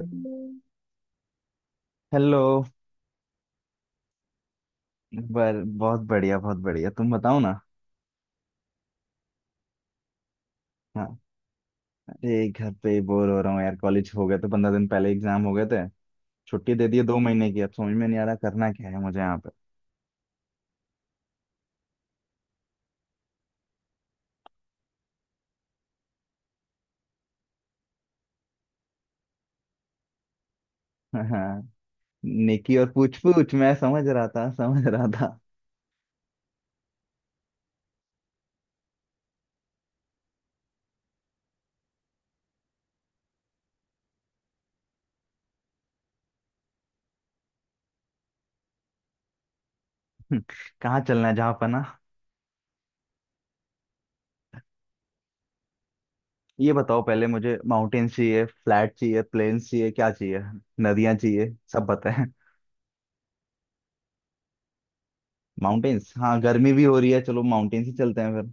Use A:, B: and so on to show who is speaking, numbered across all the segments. A: Hello. बर बहुत बढ़िया, बहुत बढ़िया। तुम बताओ ना। हाँ, अरे घर पे बोर हो रहा हूँ यार। कॉलेज हो गया तो 15 दिन पहले एग्जाम हो गए थे। छुट्टी दे दी है 2 महीने की। अब समझ में नहीं आ रहा करना क्या है मुझे यहाँ पे। हाँ, नेकी और पूछ पूछ, मैं समझ रहा था, समझ रहा था। कहाँ चलना है जहाँ पर ना। ये बताओ पहले, मुझे माउंटेन्स चाहिए, फ्लैट चाहिए, प्लेन्स चाहिए, क्या चाहिए, नदियाँ चाहिए, सब बताएं। माउंटेन्स, हाँ गर्मी भी हो रही है, चलो माउंटेन्स ही चलते हैं।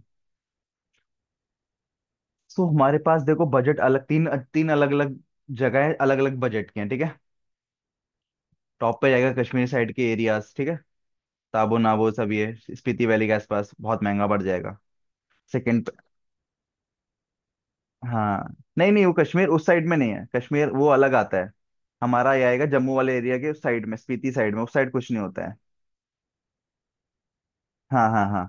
A: तो हमारे पास देखो बजट अलग, तीन तीन अलग अलग जगह है, अलग अलग बजट के हैं। ठीक है। टॉप पे जाएगा कश्मीर साइड के एरियाज। ठीक है। ताबो नाबो सब ये स्पीति वैली के आसपास, बहुत महंगा पड़ जाएगा। सेकंड। हाँ नहीं नहीं, वो कश्मीर उस साइड में नहीं है, कश्मीर वो अलग आता है। हमारा ये आएगा जम्मू वाले एरिया के उस साइड में, स्पीति साइड में। उस साइड कुछ नहीं होता है। हाँ हाँ हाँ।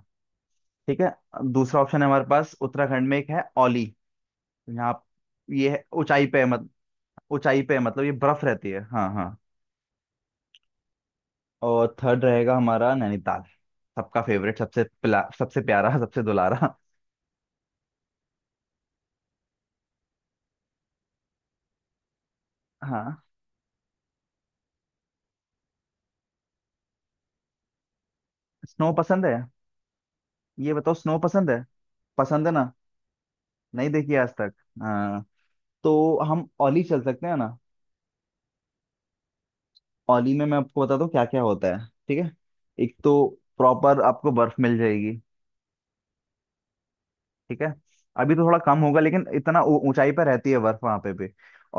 A: ठीक है। अब दूसरा ऑप्शन है हमारे पास उत्तराखंड में, एक है औली। यहाँ। ये है ऊंचाई पे है मत ऊंचाई पे है मतलब ये बर्फ रहती है। हाँ हाँ। और थर्ड रहेगा हमारा नैनीताल, सबका फेवरेट, सबसे पिला, सबसे प्यारा, सबसे दुलारा। हाँ, स्नो पसंद है? ये बताओ, स्नो पसंद है? पसंद है ना? नहीं देखी आज तक। हाँ, तो हम ओली चल सकते हैं ना। ओली में मैं आपको बताता हूँ क्या क्या होता है। ठीक है। एक तो प्रॉपर आपको बर्फ मिल जाएगी। ठीक है। अभी तो थोड़ा कम होगा लेकिन इतना ऊंचाई पर रहती है बर्फ वहां पे भी।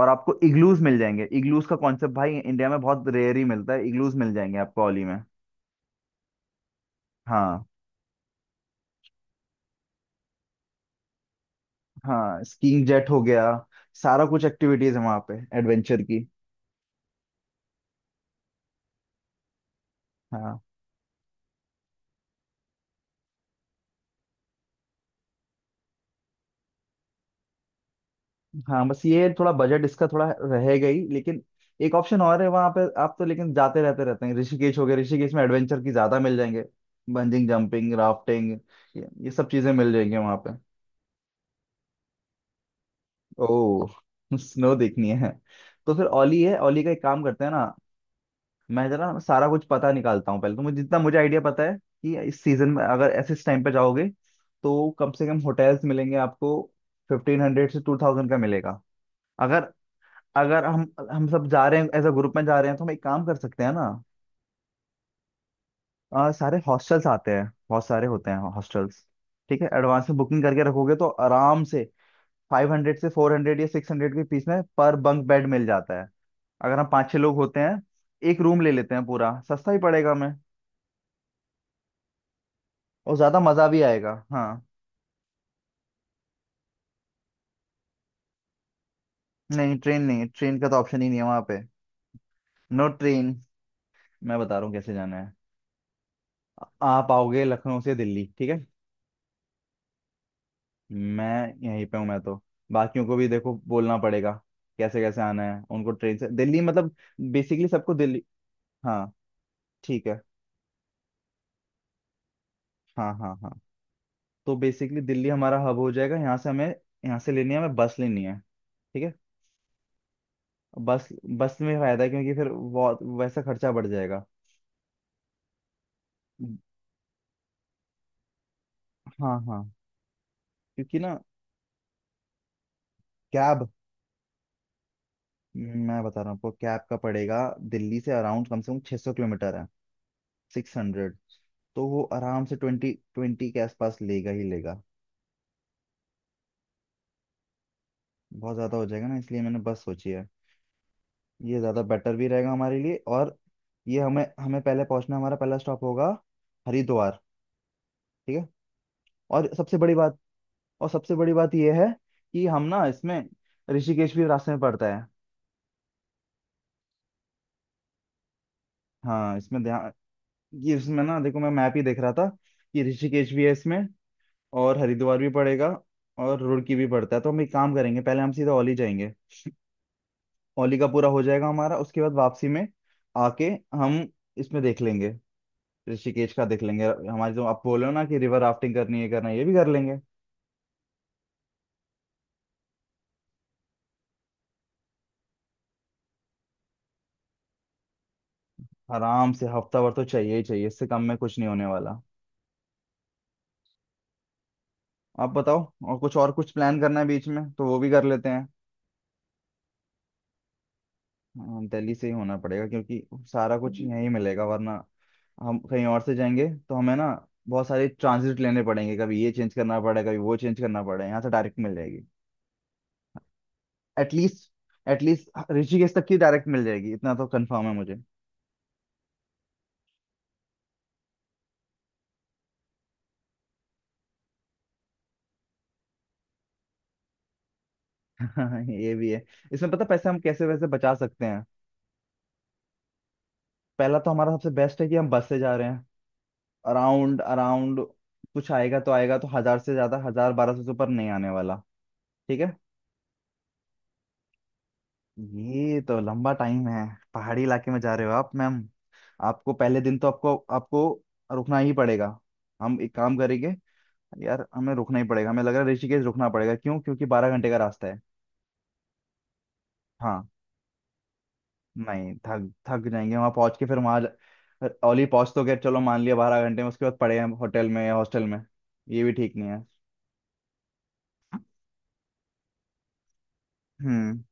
A: और आपको इग्लूज मिल जाएंगे। इग्लूज का कॉन्सेप्ट भाई इंडिया में बहुत रेयर ही मिलता है। इग्लूज मिल जाएंगे आपको ओली में। हाँ। हाँ स्कीइंग जेट हो गया, सारा कुछ एक्टिविटीज है वहाँ पे एडवेंचर की। हाँ हाँ, बस ये थोड़ा बजट इसका थोड़ा रहेगा ही, लेकिन एक ऑप्शन और है वहाँ पे, आप तो लेकिन जाते रहते रहते हैं, ऋषिकेश हो गया। ऋषिकेश में एडवेंचर की ज्यादा मिल जाएंगे, बंजिंग जंपिंग राफ्टिंग, ये सब चीजें मिल जाएंगी वहाँ पे। ओह, स्नो देखनी है। तो फिर ओली है। ओली का एक काम करते हैं ना, मैं जरा सारा कुछ पता निकालता हूँ पहले। तो मुझे जितना मुझे आइडिया पता है कि इस सीजन में अगर ऐसे इस टाइम पे जाओगे तो कम से कम होटल्स मिलेंगे आपको 1500 से 2000 का मिलेगा। अगर अगर हम सब जा रहे हैं, एज अ ग्रुप में जा रहे हैं तो हम एक काम कर सकते हैं ना। सारे हॉस्टल्स आते हैं, बहुत सारे होते हैं हॉस्टल्स। ठीक है, एडवांस में बुकिंग करके रखोगे तो आराम से 500 से 400 या 600 के बीच में पर बंक बेड मिल जाता है। अगर हम पाँच छह लोग होते हैं एक रूम ले लेते हैं पूरा, सस्ता ही पड़ेगा हमें और ज्यादा मजा भी आएगा। हाँ। नहीं ट्रेन नहीं, ट्रेन का तो ऑप्शन ही नहीं है वहां पे। No train. मैं बता रहा हूँ कैसे जाना है। आप आओगे लखनऊ से दिल्ली। ठीक है। मैं यहीं पे हूँ मैं तो। बाकियों को भी देखो बोलना पड़ेगा कैसे कैसे आना है उनको, ट्रेन से दिल्ली मतलब, बेसिकली सबको दिल्ली। हाँ। ठीक है। हाँ हाँ हाँ। तो बेसिकली दिल्ली हमारा हब हो जाएगा, यहाँ से हमें, यहाँ से लेनी है, हमें बस लेनी है। ठीक है। बस, बस में फायदा है क्योंकि फिर वो वैसा खर्चा बढ़ जाएगा। हाँ हाँ। क्योंकि ना कैब, मैं बता रहा हूँ आपको कैब का पड़ेगा। दिल्ली से अराउंड कम से कम 600 किलोमीटर है, 600। तो वो आराम से 2020 के आसपास लेगा ही लेगा। बहुत ज़्यादा हो जाएगा ना, इसलिए मैंने बस सोची है। ये ज़्यादा बेटर भी रहेगा हमारे लिए। और ये हमें हमें पहले पहुंचना, हमारा पहला स्टॉप होगा हरिद्वार। ठीक है। और सबसे बड़ी बात, ये है कि हम ना इसमें ऋषिकेश भी रास्ते में पड़ता है। हाँ, इसमें ध्यान ये इसमें ना देखो, मैं मैप ही देख रहा था कि ऋषिकेश भी है इसमें, और हरिद्वार भी पड़ेगा, और रुड़की भी पड़ता है। तो हम एक काम करेंगे, पहले हम सीधा औली जाएंगे। औली का पूरा हो जाएगा हमारा, उसके बाद वापसी में आके हम इसमें देख लेंगे, ऋषिकेश का देख लेंगे। हमारी जो आप बोलो ना कि रिवर राफ्टिंग करनी है, करना है, ये भी कर लेंगे। आराम से हफ्ता भर तो चाहिए ही चाहिए, इससे कम में कुछ नहीं होने वाला। आप बताओ, और कुछ प्लान करना है बीच में तो वो भी कर लेते हैं। हाँ, दिल्ली से ही होना पड़ेगा क्योंकि सारा कुछ यहीं मिलेगा, वरना हम कहीं और से जाएंगे तो हमें ना बहुत सारे ट्रांजिट लेने पड़ेंगे, कभी ये चेंज करना पड़ा, कभी वो चेंज करना पड़ा। यहाँ से डायरेक्ट मिल जाएगी। एटलीस्ट एटलीस्ट ऋषिकेश तक की डायरेक्ट मिल जाएगी, इतना तो कंफर्म है मुझे। ये भी है। इसमें पता है पैसे हम कैसे वैसे बचा सकते हैं। पहला तो हमारा सबसे बेस्ट है कि हम बस से जा रहे हैं। अराउंड अराउंड कुछ आएगा तो आएगा तो, हजार से ज्यादा, हजार 1200 से ऊपर नहीं आने वाला। ठीक है। ये तो लंबा टाइम है, पहाड़ी इलाके में जा रहे हो आप मैम। आपको पहले दिन तो आपको आपको रुकना ही पड़ेगा। हम एक काम करेंगे, यार हमें रुकना ही पड़ेगा, हमें लग रहा है ऋषिकेश रुकना पड़ेगा। क्यों? क्योंकि 12 घंटे का रास्ता है। हाँ, नहीं थक थक जाएंगे वहां पहुंच के, फिर ओली पहुंच तो गए, चलो मान लिया 12 घंटे में, उसके बाद पड़े हैं होटल में या हॉस्टल में, ये भी ठीक नहीं है। हम्म।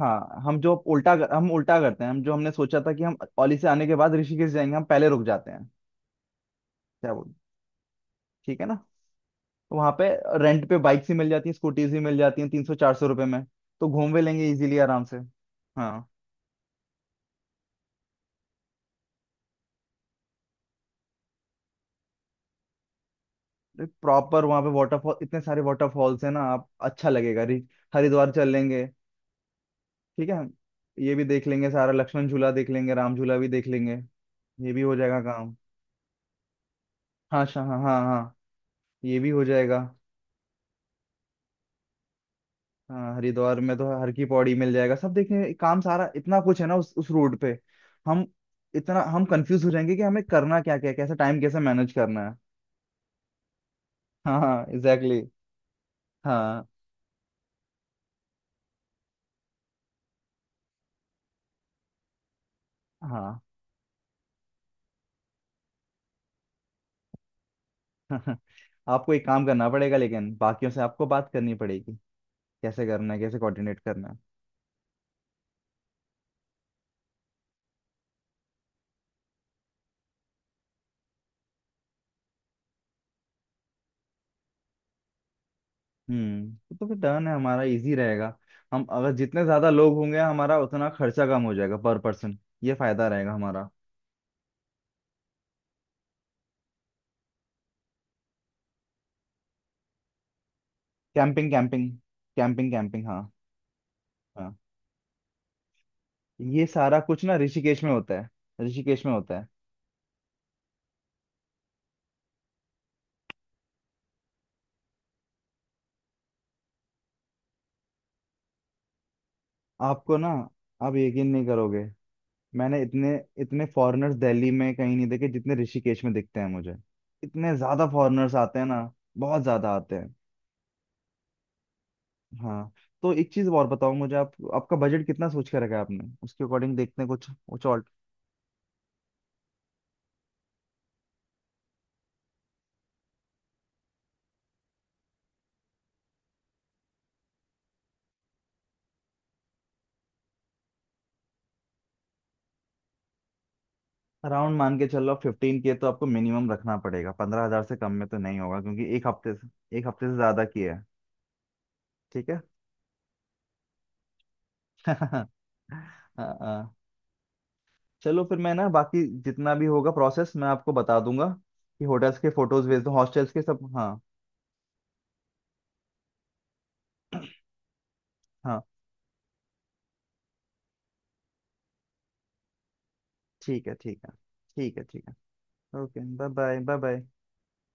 A: हाँ, हम उल्टा करते हैं, हम जो हमने सोचा था कि हम ओली से आने के बाद ऋषिकेश जाएंगे, हम पहले रुक जाते हैं। क्या बोल, ठीक है ना? वहां पे रेंट पे बाइक्स ही मिल जाती हैं, स्कूटीज ही मिल जाती हैं 300-400 रुपये में, तो घूम भी लेंगे इजीली आराम से। हाँ। प्रॉपर वहां पे वाटरफॉल, इतने सारे वाटरफॉल्स हैं ना आप, अच्छा लगेगा। हरिद्वार चल लेंगे। ठीक है। ये भी देख लेंगे सारा, लक्ष्मण झूला देख लेंगे, राम झूला भी देख लेंगे, ये भी हो जाएगा काम। हाँ, शाह हाँ हाँ हाँ, ये भी हो जाएगा। हाँ हरिद्वार में तो हर की पौड़ी मिल जाएगा, सब देखें काम सारा, इतना कुछ है ना उस रोड पे। हम इतना हम कंफ्यूज हो जाएंगे कि हमें करना क्या क्या है, कैसे टाइम कैसे मैनेज करना है। हाँ हाँ एग्जैक्टली। हाँ हाँ। आपको एक काम करना पड़ेगा लेकिन, बाकियों से आपको बात करनी पड़ेगी कैसे करना है, कैसे कोऑर्डिनेट करना है। हम्म, तो फिर डन है, हमारा इजी रहेगा। हम अगर जितने ज्यादा लोग होंगे हमारा उतना खर्चा कम हो जाएगा पर पर्सन। ये फायदा रहेगा हमारा। कैंपिंग कैंपिंग, कैंपिंग कैंपिंग, हाँ। हाँ, ये सारा कुछ ना ऋषिकेश में होता है, ऋषिकेश में होता है। आपको ना, आप यकीन नहीं करोगे, मैंने इतने इतने फॉरेनर्स दिल्ली में कहीं नहीं देखे जितने ऋषिकेश में दिखते हैं मुझे। इतने ज्यादा फॉरेनर्स आते हैं ना, बहुत ज्यादा आते हैं। हाँ। तो एक चीज और बताओ मुझे, आप आपका बजट कितना सोच के रखा है आपने? उसके अकॉर्डिंग देखते हैं कुछ कुछ और। अराउंड मान के चलो फिफ्टीन के तो आपको मिनिमम रखना पड़ेगा, 15,000 से कम में तो नहीं होगा क्योंकि एक हफ्ते से ज्यादा की है। ठीक है। हाँ हाँ। चलो फिर, मैं ना बाकी जितना भी होगा प्रोसेस मैं आपको बता दूंगा, कि होटल्स के फोटोज भेज दूँ हॉस्टल्स के सब, हाँ। हाँ ठीक है, ठीक है। ठीक है, ठीक है। Okay, bye bye, bye bye.